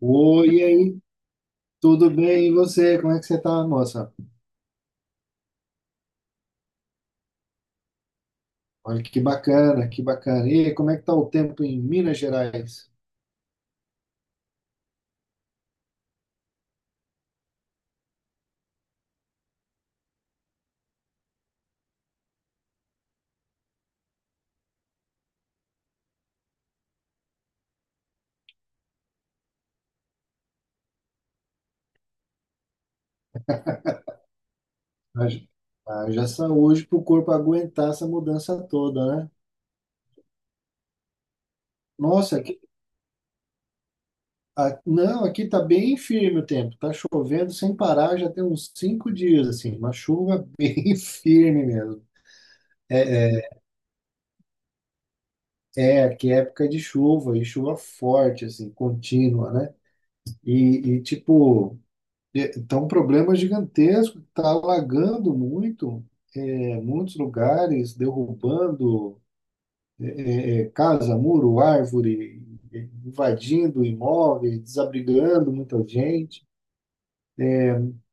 Oi, e aí, tudo bem? E você? Como é que você tá, moça? Olha que bacana, que bacana. E aí, como é que tá o tempo em Minas Gerais? Haja haja saúde para o corpo aguentar essa mudança toda, né? Nossa, aqui, não, aqui tá bem firme o tempo. Tá chovendo sem parar, já tem uns 5 dias, assim, uma chuva bem firme mesmo. É, é, é, aqui é época de chuva, e chuva forte, assim, contínua, né? Tipo, então, um problema é gigantesco que está alagando muito, muitos lugares, derrubando é, casa, muro, árvore, é, invadindo imóveis, desabrigando muita gente.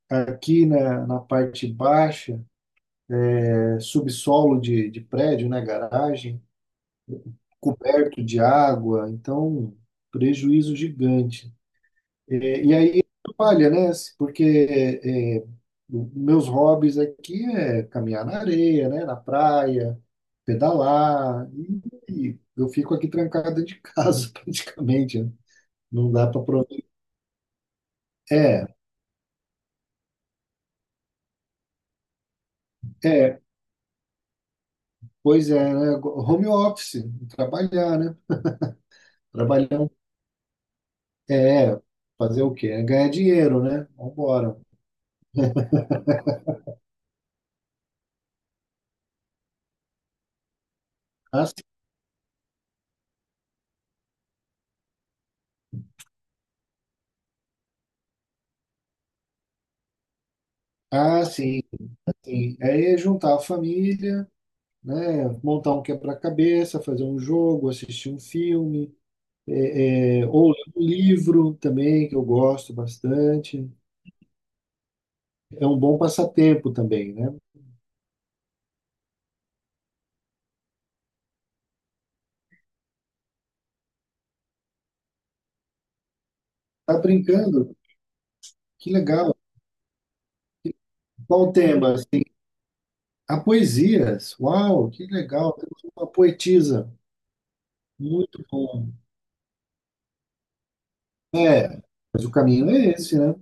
Aqui na parte baixa, subsolo de prédio, né, garagem, coberto de água, então prejuízo gigante. E aí atrapalha, né? Porque é, meus hobbies aqui é caminhar na areia, né? Na praia, pedalar, e eu fico aqui trancado dentro de casa praticamente, né? Não dá para aproveitar. É, é, pois é, né? Home office, trabalhar, né? Trabalhar é fazer o quê? É ganhar dinheiro, né? Vambora. Ah, sim, ah, sim, sim. Aí é juntar a família, né? Montar um quebra-cabeça, fazer um jogo, assistir um filme, ou ler um livro também, que eu gosto bastante. É um bom passatempo também, né? Tá brincando? Que legal. Qual o tema? A poesias. Uau, que legal. Temos uma poetisa. Muito bom. É, mas o caminho é esse, né?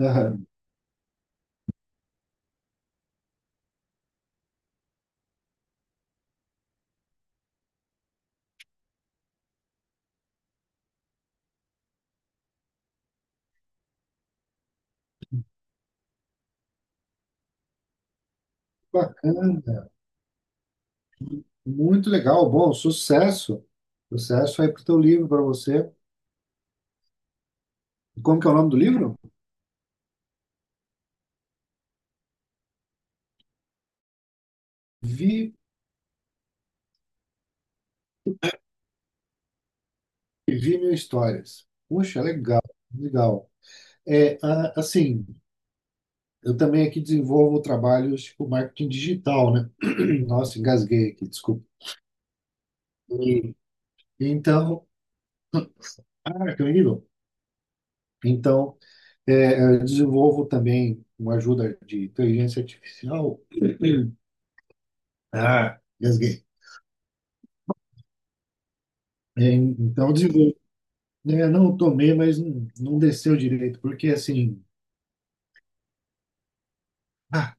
Aham. Bacana. Muito legal. Bom, sucesso. Sucesso aí pro teu livro, para você. Como que é o nome do livro? Vi E vi mil histórias. Puxa, legal, legal. Assim, eu também aqui desenvolvo trabalhos com marketing digital, né? Nossa, engasguei aqui, desculpa. E, então, ah, que horrível. Então, eu desenvolvo também com a ajuda de inteligência artificial. Ah, engasguei. Então, eu desenvolvo. Né, não eu tomei, mas não, não desceu direito, porque assim, ah,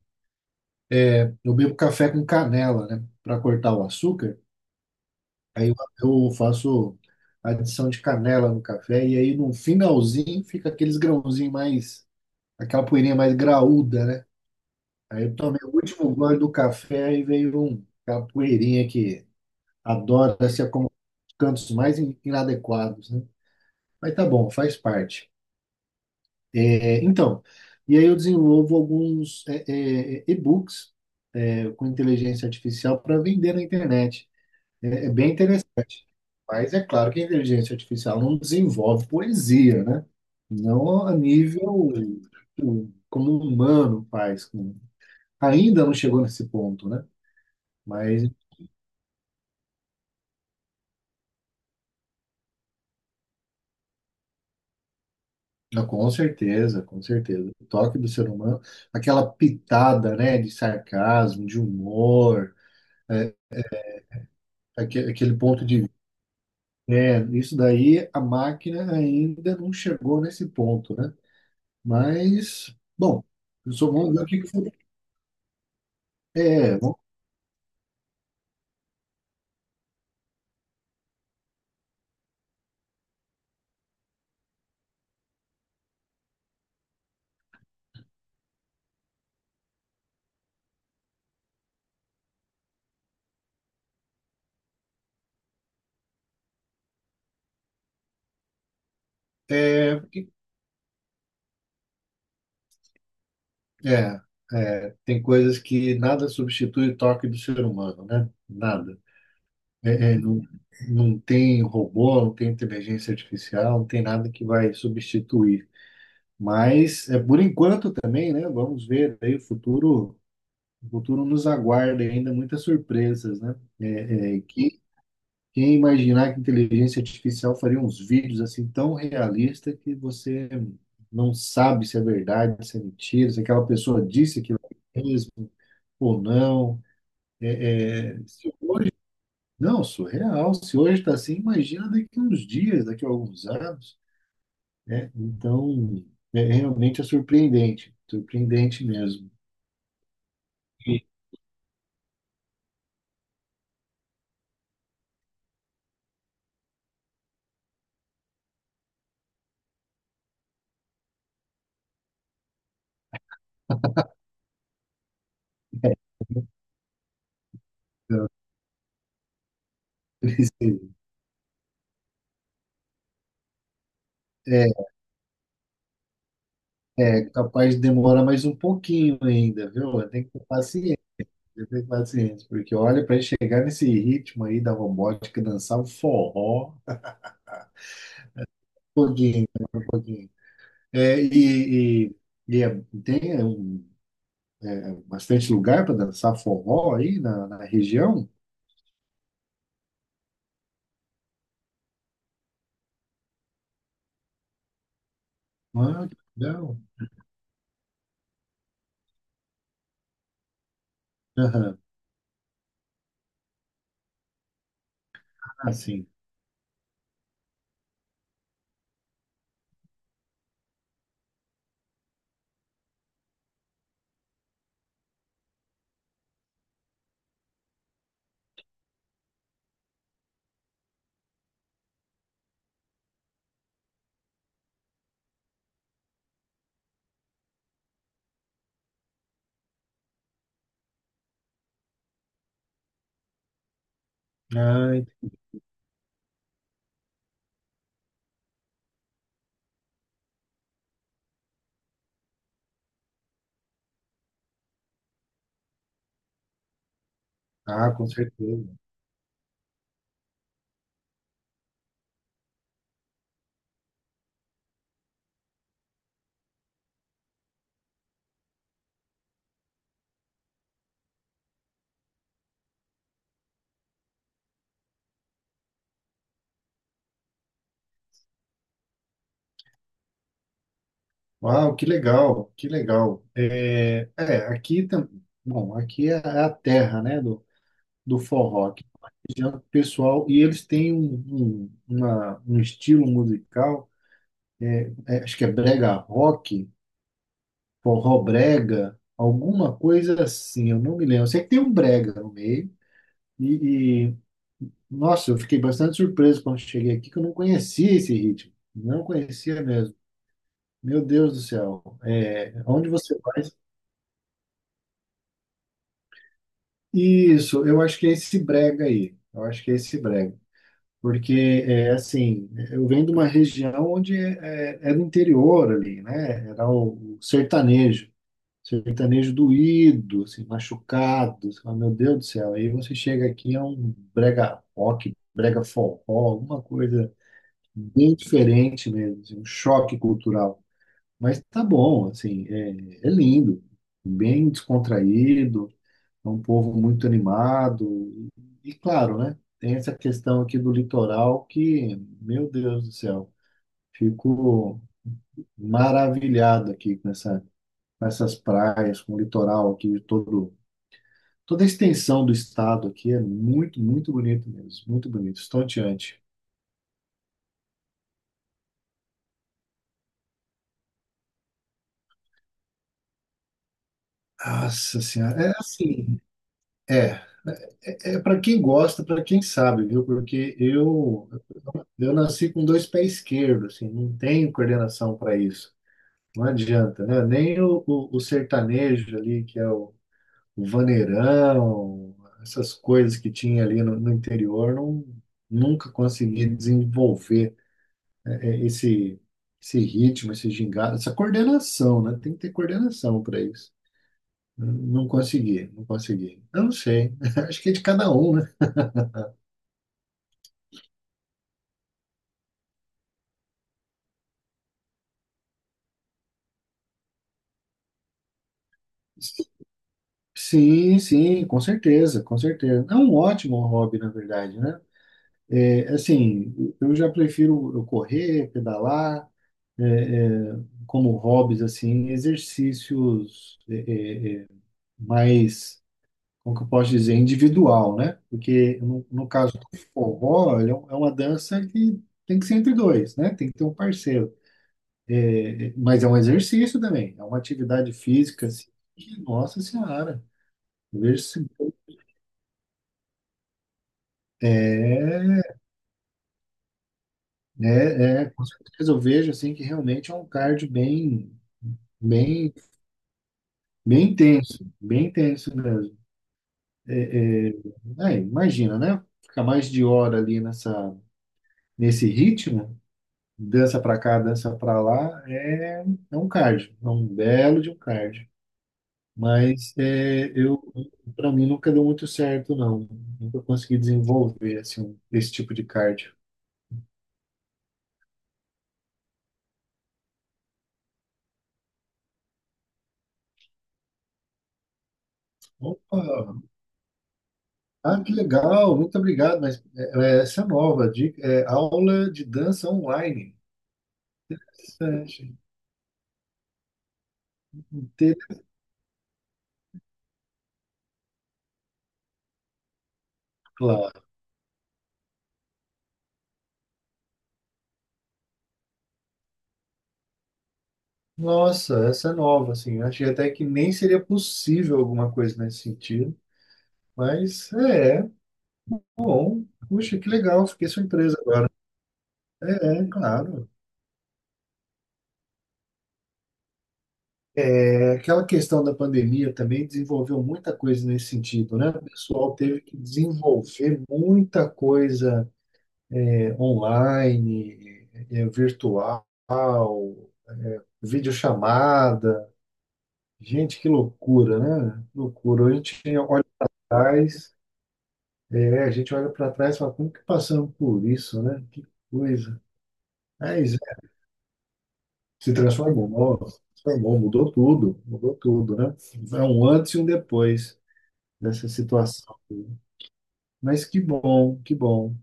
eu bebo café com canela, né? Para cortar o açúcar. Aí eu faço adição de canela no café e aí no finalzinho fica aqueles grãozinhos mais, aquela poeirinha mais graúda, né? Aí eu tomei o último gole do café e veio um, aquela poeirinha que adora se acomodar nos cantos mais inadequados, né? Mas tá bom, faz parte. Então, e aí eu desenvolvo alguns e-books com inteligência artificial para vender na internet. É, é bem Mas é claro que a inteligência artificial não desenvolve poesia, né? Não a nível tipo, como um humano faz. Ainda não chegou nesse ponto, né? Mas ah, com certeza, com certeza. O toque do ser humano, aquela pitada, né, de sarcasmo, de humor, é, aquele ponto de. É, isso daí a máquina ainda não chegou nesse ponto, né? Mas, bom, eu sou, vamos ver o que que o futuro- é, vamos É, tem coisas que nada substitui o toque do ser humano, né? Nada. É, é, não, não tem robô, não tem inteligência artificial, não tem nada que vai substituir. Mas, por enquanto também, né? Vamos ver aí o futuro nos aguarda ainda muitas surpresas, né? Quem imaginar que inteligência artificial faria uns vídeos assim tão realistas que você não sabe se é verdade, se é mentira, se aquela pessoa disse aquilo mesmo ou não. É, é, se- não, surreal. Se hoje está assim, imagina daqui a uns dias, daqui a alguns anos, né? Então, realmente é surpreendente, surpreendente mesmo. E precisa- É, é capaz de demorar mais um pouquinho ainda, viu? Tem que ter paciência, tem que ter paciência, porque olha, para chegar nesse ritmo aí da robótica, dançar o forró, um pouquinho, né? Um pouquinho. É, e é- tem é um Bastante lugar para dançar forró aí na região? Ah, que legal. Aham. Ah, sim. Ah, com certeza. Uau, que legal, que legal. Aqui também. Bom, aqui é a terra, né, do forró. Aqui, região pessoal, e eles têm um estilo musical, acho que é brega rock, forró brega, alguma coisa assim, eu não me lembro. Eu sei que tem um brega no meio, e, nossa, eu fiquei bastante surpreso quando cheguei aqui, que eu não conhecia esse ritmo. Não conhecia mesmo. Meu Deus do céu. Onde você vai? Isso, eu acho que é esse brega aí. Eu acho que é esse brega. Porque, assim, eu venho de uma região onde é do interior ali, né? Era o sertanejo. Sertanejo doído, assim, machucado. Você fala, meu Deus do céu. Aí você chega aqui, é um brega rock, brega forró, alguma coisa. Bem diferente mesmo, assim, um choque cultural. Mas tá bom, assim, é lindo, bem descontraído, é um povo muito animado. E, claro, né? Tem essa questão aqui do litoral que, meu Deus do céu, fico maravilhado aqui com essa, com essas praias, com o litoral aqui, todo, toda a extensão do estado aqui é muito, muito bonito mesmo, muito bonito, estonteante. Nossa Senhora, é assim. É, é para quem gosta, para quem sabe, viu? Porque eu nasci com dois pés esquerdos, assim, não tenho coordenação para isso. Não adianta, né? Nem o sertanejo ali, que é o vaneirão, essas coisas que tinha ali no interior, não, nunca consegui desenvolver é, esse, esse ritmo, esse gingado, essa coordenação, né? Tem que ter coordenação para isso. Não consegui, não consegui. Eu não sei. Acho que é de cada um, né? Sim, sim, com certeza, com certeza. É um ótimo hobby, na verdade, né? Assim, eu já prefiro eu correr, pedalar, é, é, como hobbies, assim, exercícios é, é, mais, como que eu posso dizer, individual, né? Porque no caso do forró, ele é é uma dança que tem que ser entre dois, né? Tem que ter um parceiro. Mas é um exercício também, é uma atividade física, assim, que, nossa senhora, eu vejo isso. É, com certeza eu vejo assim que realmente é um cardio bem, bem, bem intenso mesmo. É, é, Imagina, né? Ficar mais de hora ali nesse ritmo, dança pra cá, dança pra lá, é um cardio, é um belo de um cardio. Mas para mim nunca deu muito certo, não. Nunca consegui desenvolver assim, esse tipo de cardio. Opa! Ah, que legal, muito obrigado. Mas essa é nova dica é aula de dança online. Interessante. Interclá. Nossa, essa é nova, assim. Eu achei até que nem seria possível alguma coisa nesse sentido. Mas é bom. Puxa, que legal, fiquei surpresa agora. Claro. Aquela questão da pandemia também desenvolveu muita coisa nesse sentido, né? O pessoal teve que desenvolver muita coisa online, é virtual, videochamada. Gente, que loucura, né? Loucura. A gente olha para trás e fala, como que passamos por isso, né? Que coisa. Mas se transformou, se transformou, mudou tudo, né? É um antes e um depois dessa situação. Mas que bom, que bom.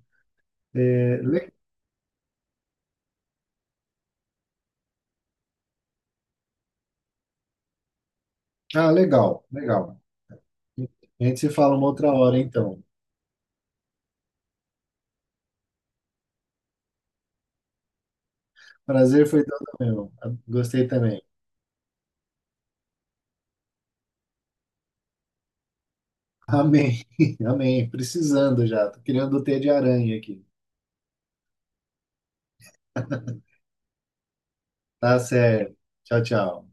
É, le- Legal, legal. A gente se fala uma outra hora, então. Prazer foi todo meu. Gostei também. Amém. Amém. Precisando já. Tô criando o T de aranha aqui. Tá certo. Tchau, tchau.